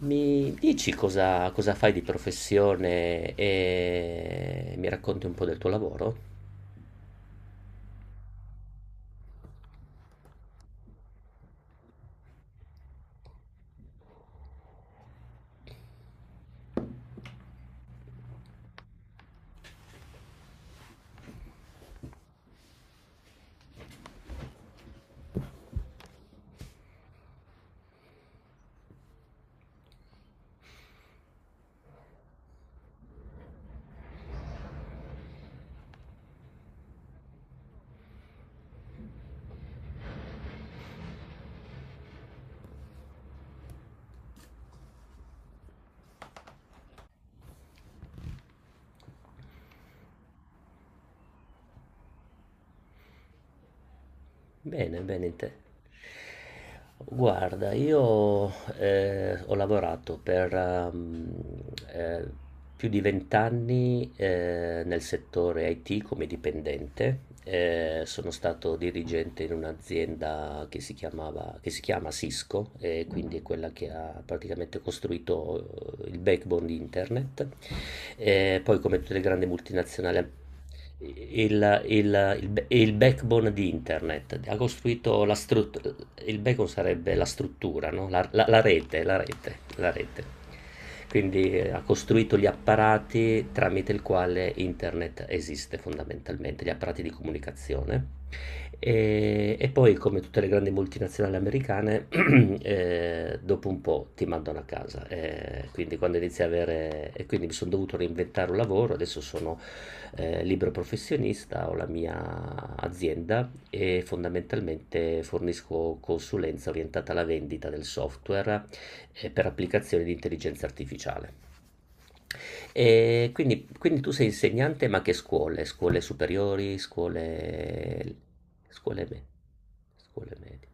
Mi dici cosa fai di professione e mi racconti un po' del tuo lavoro? Bene, bene te. Guarda, io ho lavorato per eh, più di vent'anni nel settore IT come dipendente. Sono stato dirigente in un'azienda che si chiama Cisco, e quindi è quella che ha praticamente costruito il backbone di internet. Poi come tutte le grandi multinazionali il, il, il backbone di internet, ha costruito la struttura, il backbone sarebbe la struttura, no? La rete, la rete. Quindi ha costruito gli apparati tramite il quale internet esiste fondamentalmente, gli apparati di comunicazione. E poi, come tutte le grandi multinazionali americane, dopo un po' ti mandano a casa, quindi quando inizi a avere, e quindi mi sono dovuto reinventare un lavoro, adesso sono libero professionista, ho la mia azienda e fondamentalmente fornisco consulenza orientata alla vendita del software per applicazioni di intelligenza artificiale. Quindi tu sei insegnante, ma che scuole? Scuole superiori, scuole, me- scuole medie?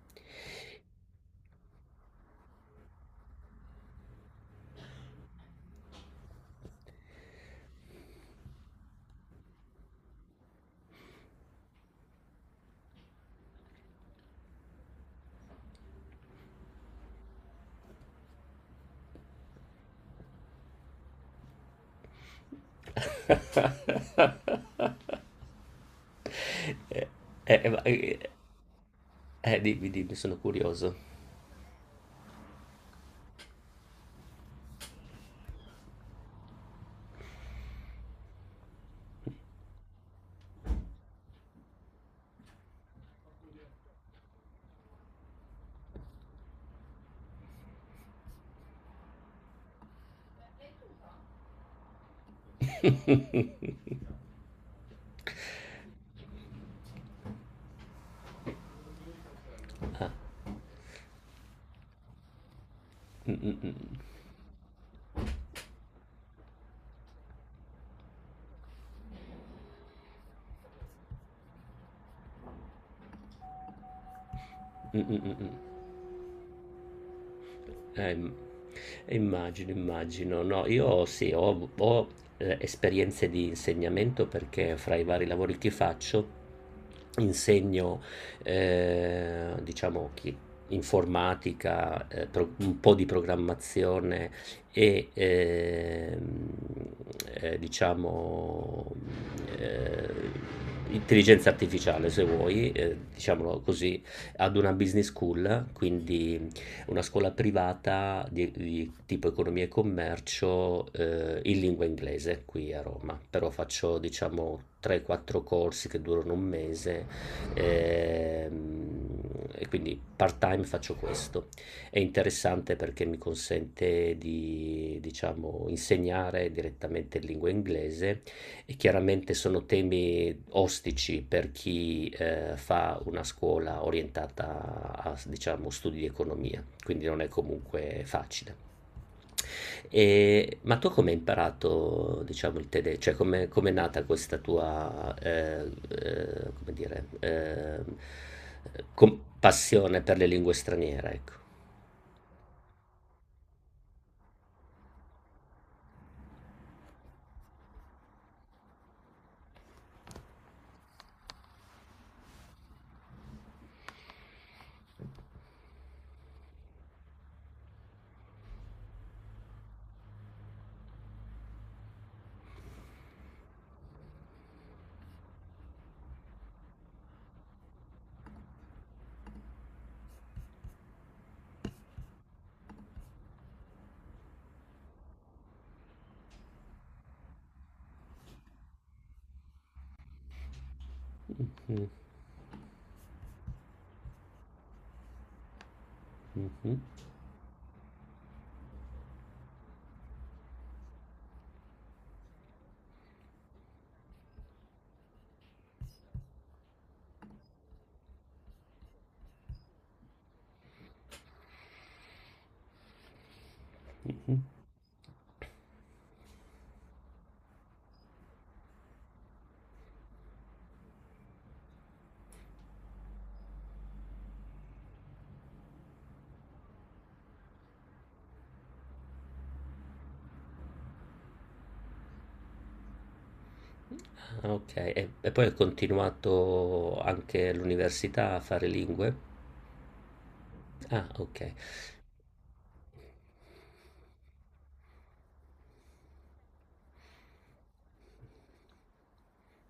Eh, eh, ma- eh, dimmi, sono curioso. Ah. mm, mm, mm, mm, mm, mm. mm. Im- Immagino, immagino. No, io sì, ho esperienze di insegnamento perché fra i vari lavori che faccio insegno, diciamo, informatica, un po' di programmazione e diciamo, eh, intelligenza artificiale, se vuoi, diciamolo così, ad una business school, quindi una scuola privata di tipo economia e commercio in lingua inglese qui a Roma, però faccio diciamo 3-4 corsi che durano un mese ehm, e quindi part time faccio questo. È interessante perché mi consente di diciamo insegnare direttamente in lingua inglese e chiaramente sono temi ostici per chi fa una scuola orientata a diciamo studi di economia quindi non è comunque facile. E, ma tu come hai imparato, diciamo, il tedesco? Cioè, come è nata questa tua, come dire, passione per le lingue straniere, ecco. Mm, mhm, mhm. Ah, ok, e poi hai continuato anche all'università a fare lingue? Ah, ok.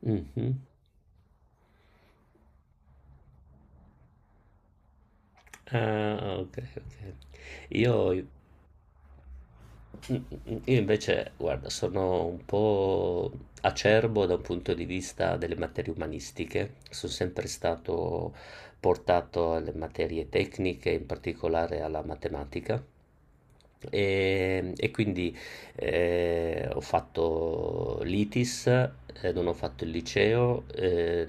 Mhm. Ah, ok, ok. Io. Mm. Io invece, guarda, sono un po' acerbo da un punto di vista delle materie umanistiche. Sono sempre stato portato alle materie tecniche, in particolare alla matematica. E quindi ho fatto l'ITIS, non ho fatto il liceo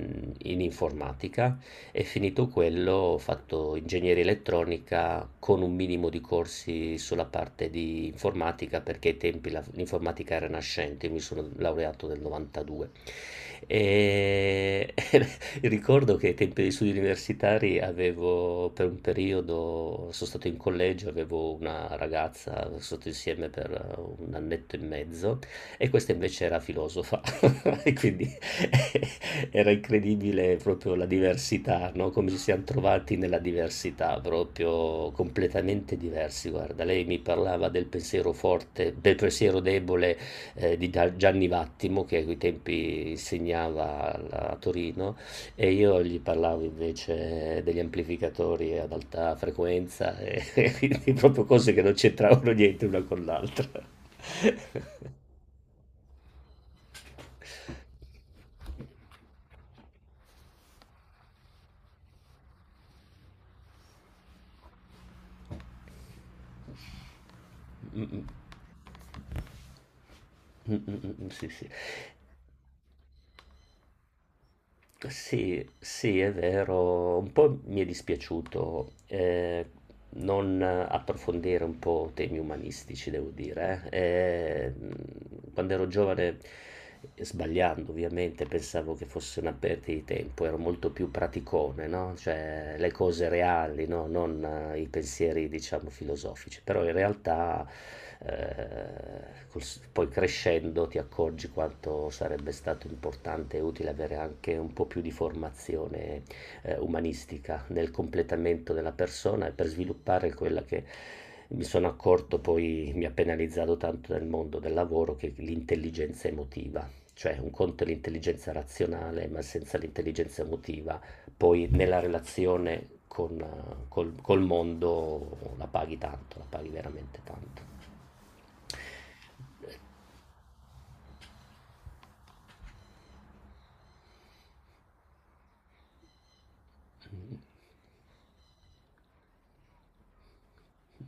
in informatica e finito quello ho fatto ingegneria elettronica con un minimo di corsi sulla parte di informatica perché ai tempi l'informatica era nascente, io mi sono laureato nel 92. E, e ricordo che ai tempi degli studi universitari avevo per un periodo, sono stato in collegio, avevo una ragazza, sono stato insieme per un annetto e mezzo e questa invece era filosofa e quindi era incredibile proprio la diversità, no? Come ci siamo trovati nella diversità, proprio completamente diversi. Guarda, lei mi parlava del pensiero forte, del pensiero debole Gianni Vattimo che a quei tempi insegnava a Torino e io gli parlavo invece degli amplificatori ad alta frequenza e quindi proprio cose che non c'entravano niente una con l'altra. Mm, mm, sì, sì. Sì, sì, è vero, un po' mi è dispiaciuto. Non approfondire un po' temi umanistici, devo dire. E, quando ero giovane, sbagliando ovviamente, pensavo che fosse una perdita di tempo, ero molto più praticone, no? Cioè le cose reali, no? Non i pensieri, diciamo, filosofici. Però in realtà, eh, col- poi crescendo, ti accorgi quanto sarebbe stato importante e utile avere anche un po' più di formazione umanistica, nel completamento della persona e per sviluppare quella che mi sono accorto poi mi ha penalizzato tanto nel mondo del lavoro che è l'intelligenza emotiva. Cioè un conto è l'intelligenza razionale, ma senza l'intelligenza emotiva, poi nella relazione col mondo la paghi tanto, la paghi veramente tanto.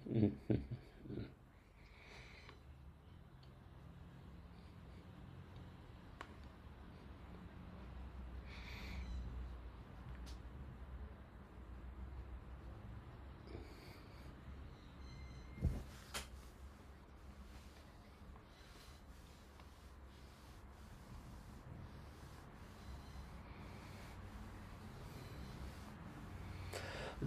Mm.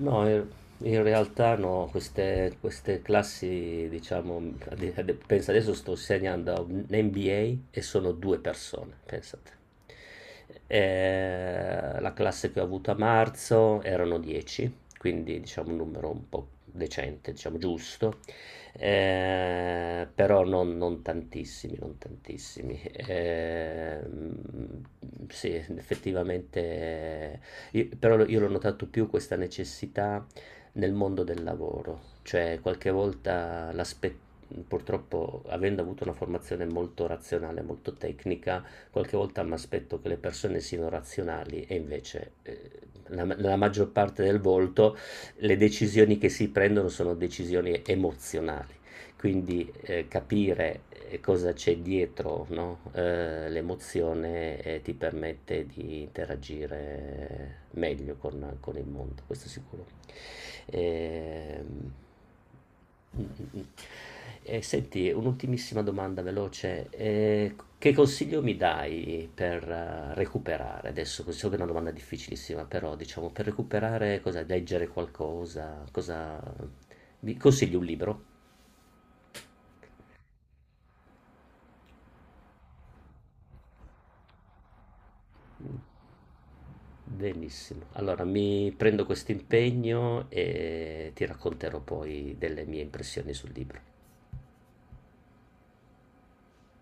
No, in realtà no, queste classi, diciamo, pensa adesso sto insegnando a un MBA e sono due persone, pensate. La classe che ho avuto a marzo erano 10, quindi diciamo un numero un po' decente, diciamo giusto. Però non tantissimi, non tantissimi. Sì, effettivamente io l'ho notato più questa necessità nel mondo del lavoro, cioè qualche volta l'aspetto, purtroppo avendo avuto una formazione molto razionale, molto tecnica, qualche volta mi aspetto che le persone siano razionali e invece nella maggior parte del volto le decisioni che si prendono sono decisioni emozionali. Quindi, capire, cosa c'è dietro, no, l'emozione, ti permette di interagire meglio con il mondo, questo sicuro. Ehm, mh, mh, mh. E senti, un'ultimissima domanda veloce, c che consiglio mi dai per recuperare? Adesso, so che è una domanda difficilissima, però diciamo per recuperare cosa leggere qualcosa, cosa mi consigli un libro? Benissimo. Allora mi prendo questo impegno e ti racconterò poi delle mie impressioni sul libro.